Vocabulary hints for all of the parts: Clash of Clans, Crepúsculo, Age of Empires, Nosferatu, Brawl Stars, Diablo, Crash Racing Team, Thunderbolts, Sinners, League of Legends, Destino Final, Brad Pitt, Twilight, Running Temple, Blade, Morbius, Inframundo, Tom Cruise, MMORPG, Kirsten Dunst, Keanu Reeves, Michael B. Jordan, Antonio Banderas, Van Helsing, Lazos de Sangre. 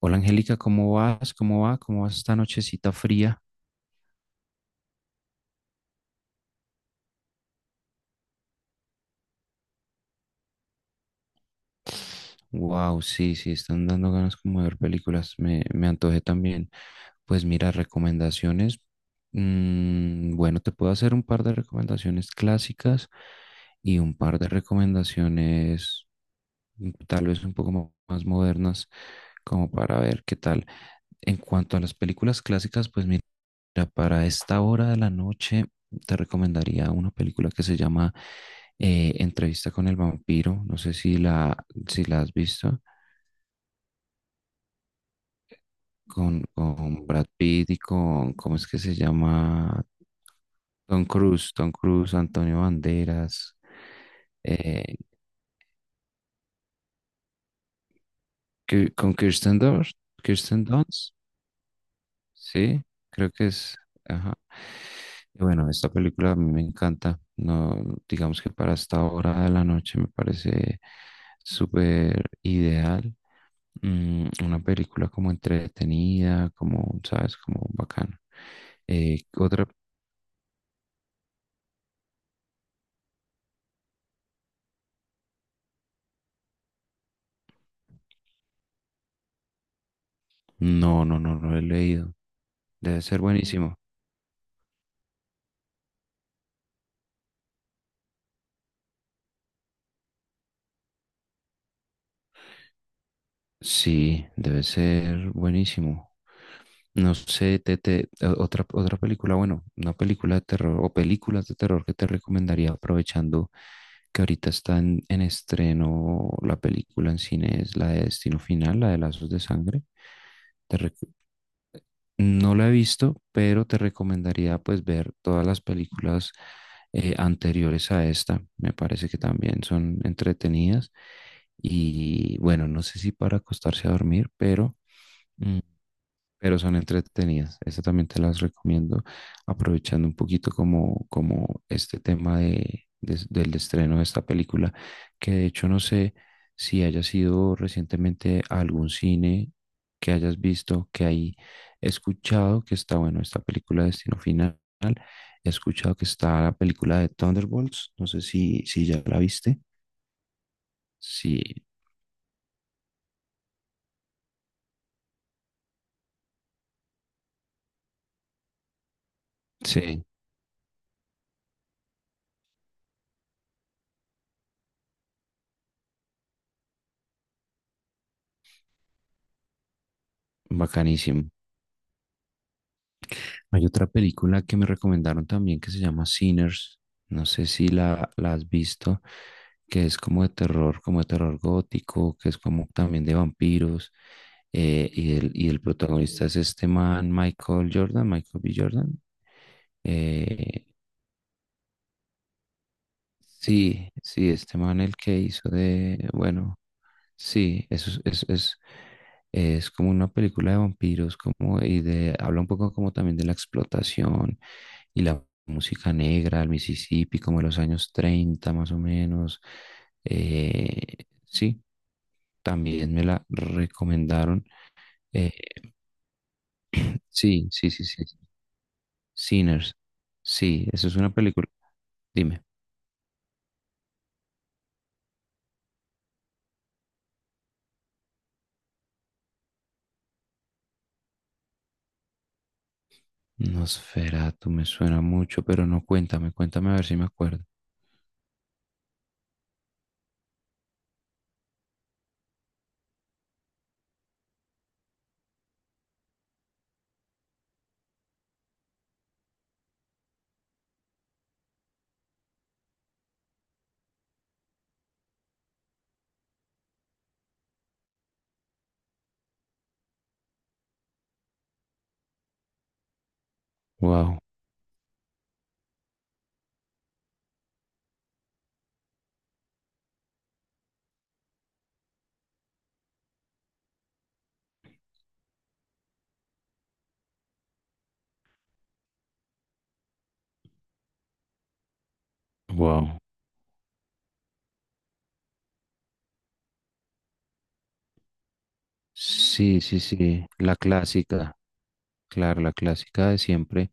Hola Angélica, ¿cómo vas? ¿Cómo va? ¿Cómo vas esta nochecita fría? Wow, sí, sí, están dando ganas como de ver películas. Me antojé también. Pues mira, recomendaciones. Bueno, te puedo hacer un par de recomendaciones clásicas y un par de recomendaciones tal vez un poco más modernas, como para ver qué tal. En cuanto a las películas clásicas, pues mira, para esta hora de la noche te recomendaría una película que se llama Entrevista con el vampiro. No sé si la has visto, con Brad Pitt y con, ¿cómo es que se llama? Tom Cruise, Tom Cruise, Antonio Banderas, eh, con Kirsten Dunst, Kirsten Dunst. Sí, creo que es. Ajá. Y bueno, esta película a mí me encanta. No, digamos que para esta hora de la noche me parece súper ideal. Mm, una película como entretenida, como, ¿sabes? Como bacana. Eh, otra, no, no, no, no lo he leído. Debe ser buenísimo. Sí, debe ser buenísimo. No sé, te- o- otra, otra película, bueno, una película de terror o películas de terror que te recomendaría aprovechando que ahorita está en estreno la película en cine es la de Destino Final, la de Lazos de Sangre. Te rec- no la he visto, pero te recomendaría pues ver todas las películas anteriores a esta. Me parece que también son entretenidas. Y bueno, no sé si para acostarse a dormir, pero... Mm, pero son entretenidas. Esta también te las recomiendo, aprovechando un poquito como, como este tema del estreno de esta película, que de hecho no sé si haya sido recientemente a algún cine que hayas visto, que hay escuchado que está, bueno, esta película Destino Final, he escuchado que está la película de Thunderbolts, no sé si ya la viste. Sí, sí, bacanísimo. Hay otra película que me recomendaron también que se llama Sinners. No sé si la, la has visto, que es como de terror gótico, que es como también de vampiros. Y el protagonista es este man, Michael B. Jordan. eh, sí, sí, este man el que hizo de, bueno, sí, eso es como una película de vampiros, como, y de, habla un poco como también de la explotación y la música negra, el Mississippi, como de los años 30 más o menos. Sí, también me la recomendaron. Eh, sí, sí, sí, sí. Sinners. Sí, esa es una película. Dime. Nosferatu me suena mucho, pero no, cuéntame, cuéntame a ver si me acuerdo. Wow, wow. Sí, sí, sí, la clásica, claro, la clásica de siempre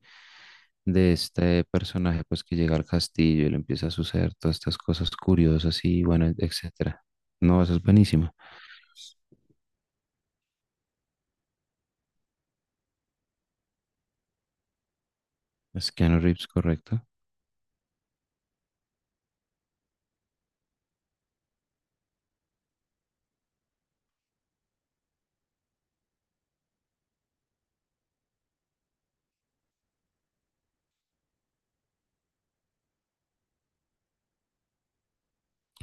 de este personaje pues que llega al castillo y le empieza a suceder todas estas cosas curiosas y bueno, etcétera. No, eso es buenísimo. Es Keanu Reeves, correcto.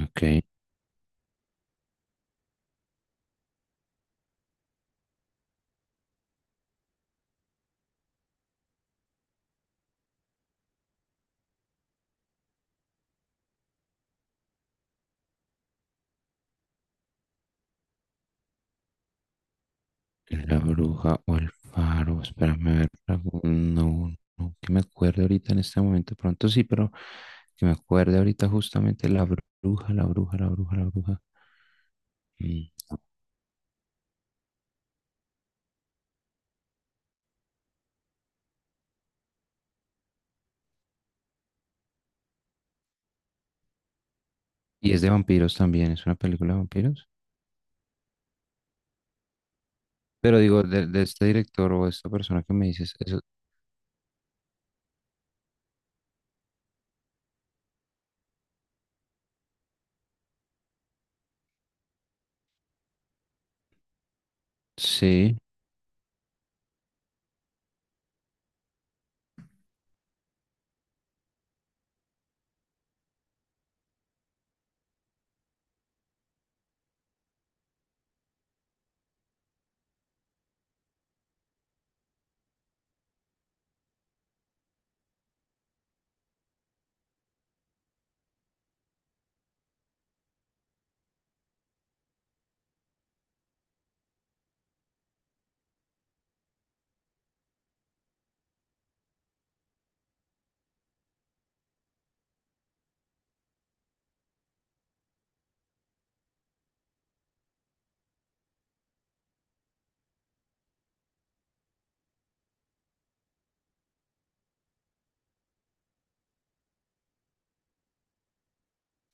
Ok, la bruja o el faro, espérame a ver, no, no, no, que me acuerde ahorita en este momento, pronto sí, pero que me acuerde ahorita justamente la bruja. Mm, y es de vampiros también, es una película de vampiros. Pero digo, de este director o esta persona que me dices, eso sí,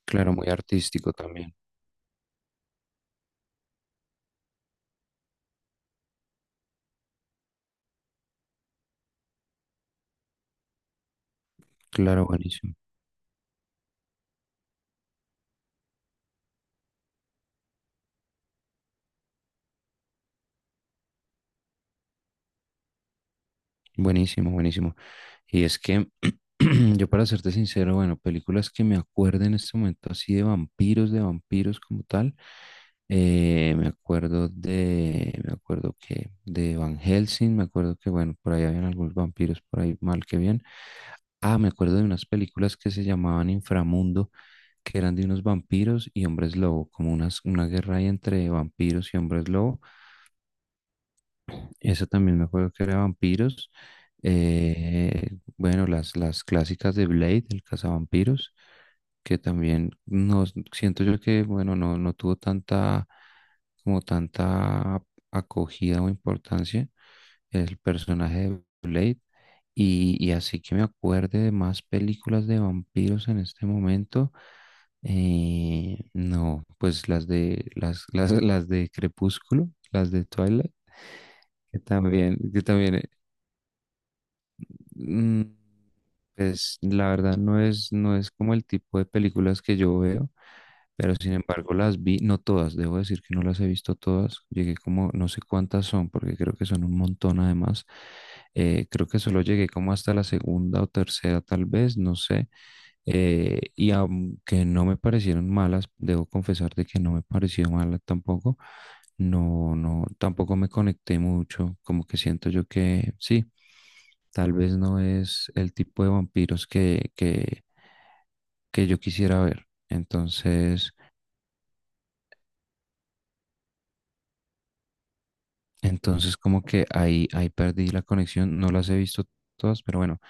claro, muy artístico también. Claro, buenísimo, buenísimo, buenísimo. Y es que yo para serte sincero, bueno, películas que me acuerdo en este momento así de vampiros como tal, me acuerdo que de Van Helsing, me acuerdo que, bueno, por ahí habían algunos vampiros por ahí mal que bien. Ah, me acuerdo de unas películas que se llamaban Inframundo que eran de unos vampiros y hombres lobo, como una guerra ahí entre vampiros y hombres lobo. Eso también me acuerdo que era vampiros. Bueno, las clásicas de Blade, el cazavampiros, que también no, siento yo que, bueno, no, no tuvo tanta, como tanta acogida o importancia el personaje de Blade. Y así que me acuerde de más películas de vampiros en este momento. No, pues las de las, las de Crepúsculo, las de Twilight, que también mm, pues la verdad no es como el tipo de películas que yo veo, pero sin embargo las vi, no todas, debo decir que no las he visto todas, llegué como, no sé cuántas son, porque creo que son un montón además, creo que solo llegué como hasta la segunda o tercera tal vez, no sé, y aunque no me parecieron malas, debo confesar de que no me pareció mala tampoco. No, no, tampoco me conecté mucho, como que siento yo que sí, tal vez no es el tipo de vampiros que yo quisiera ver. Entonces, entonces como que ahí perdí la conexión, no las he visto todas, pero bueno,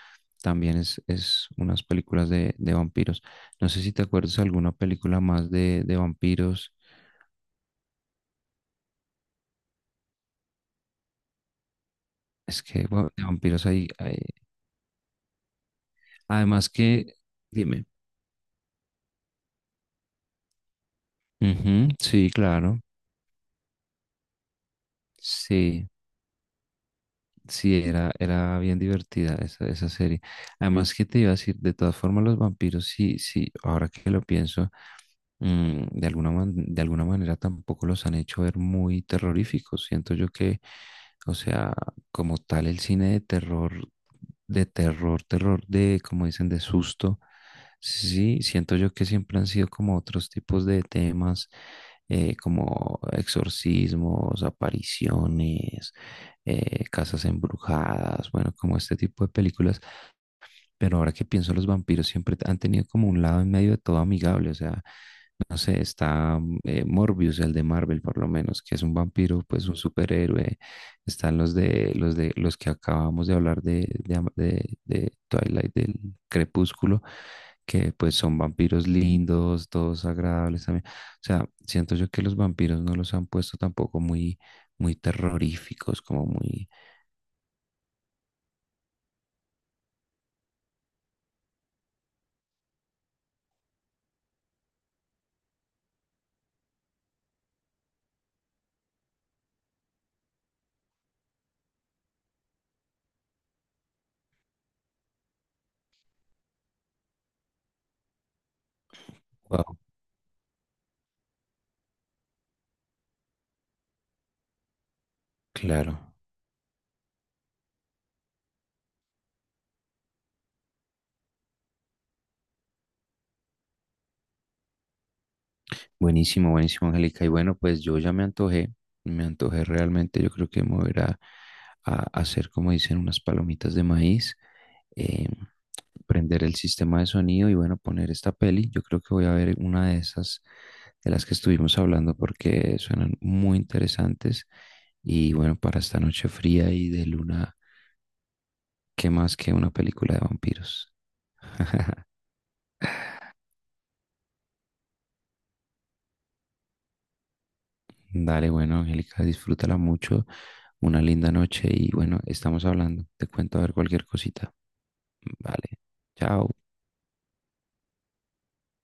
también es unas películas de vampiros. No sé si te acuerdas alguna película más de vampiros. Es que bueno, de vampiros hay- Además que, dime. Ujú, sí, claro. Sí. Sí, era, era bien divertida esa, esa serie. Además, ¿que te iba a decir? De todas formas, los vampiros, sí, sí, ahora que lo pienso, mm, de alguna, de alguna manera tampoco los han hecho ver muy terroríficos. Siento yo que, o sea, como tal, el cine de terror, terror, de, como dicen, de susto, sí, siento yo que siempre han sido como otros tipos de temas, como exorcismos, apariciones, Casas Embrujadas, bueno, como este tipo de películas. Pero ahora que pienso, los vampiros siempre han tenido como un lado en medio de todo amigable, o sea, no sé, está Morbius, el de Marvel por lo menos, que es un vampiro, pues un superhéroe. Están los de los que acabamos de hablar de Twilight, del Crepúsculo, que pues son vampiros lindos, todos agradables también. O sea, siento yo que los vampiros no los han puesto tampoco muy, muy terroríficos, como muy... Wow, claro. Buenísimo, buenísimo, Angélica. Y bueno, pues yo ya me antojé realmente. Yo creo que me voy ir a hacer, como dicen, unas palomitas de maíz, eh, prender el sistema de sonido y bueno, poner esta peli. Yo creo que voy a ver una de esas de las que estuvimos hablando porque suenan muy interesantes. Y bueno, para esta noche fría y de luna, ¿qué más que una película de vampiros? Dale, bueno, Angélica, disfrútala mucho. Una linda noche y bueno, estamos hablando. Te cuento a ver cualquier cosita. Vale, chao.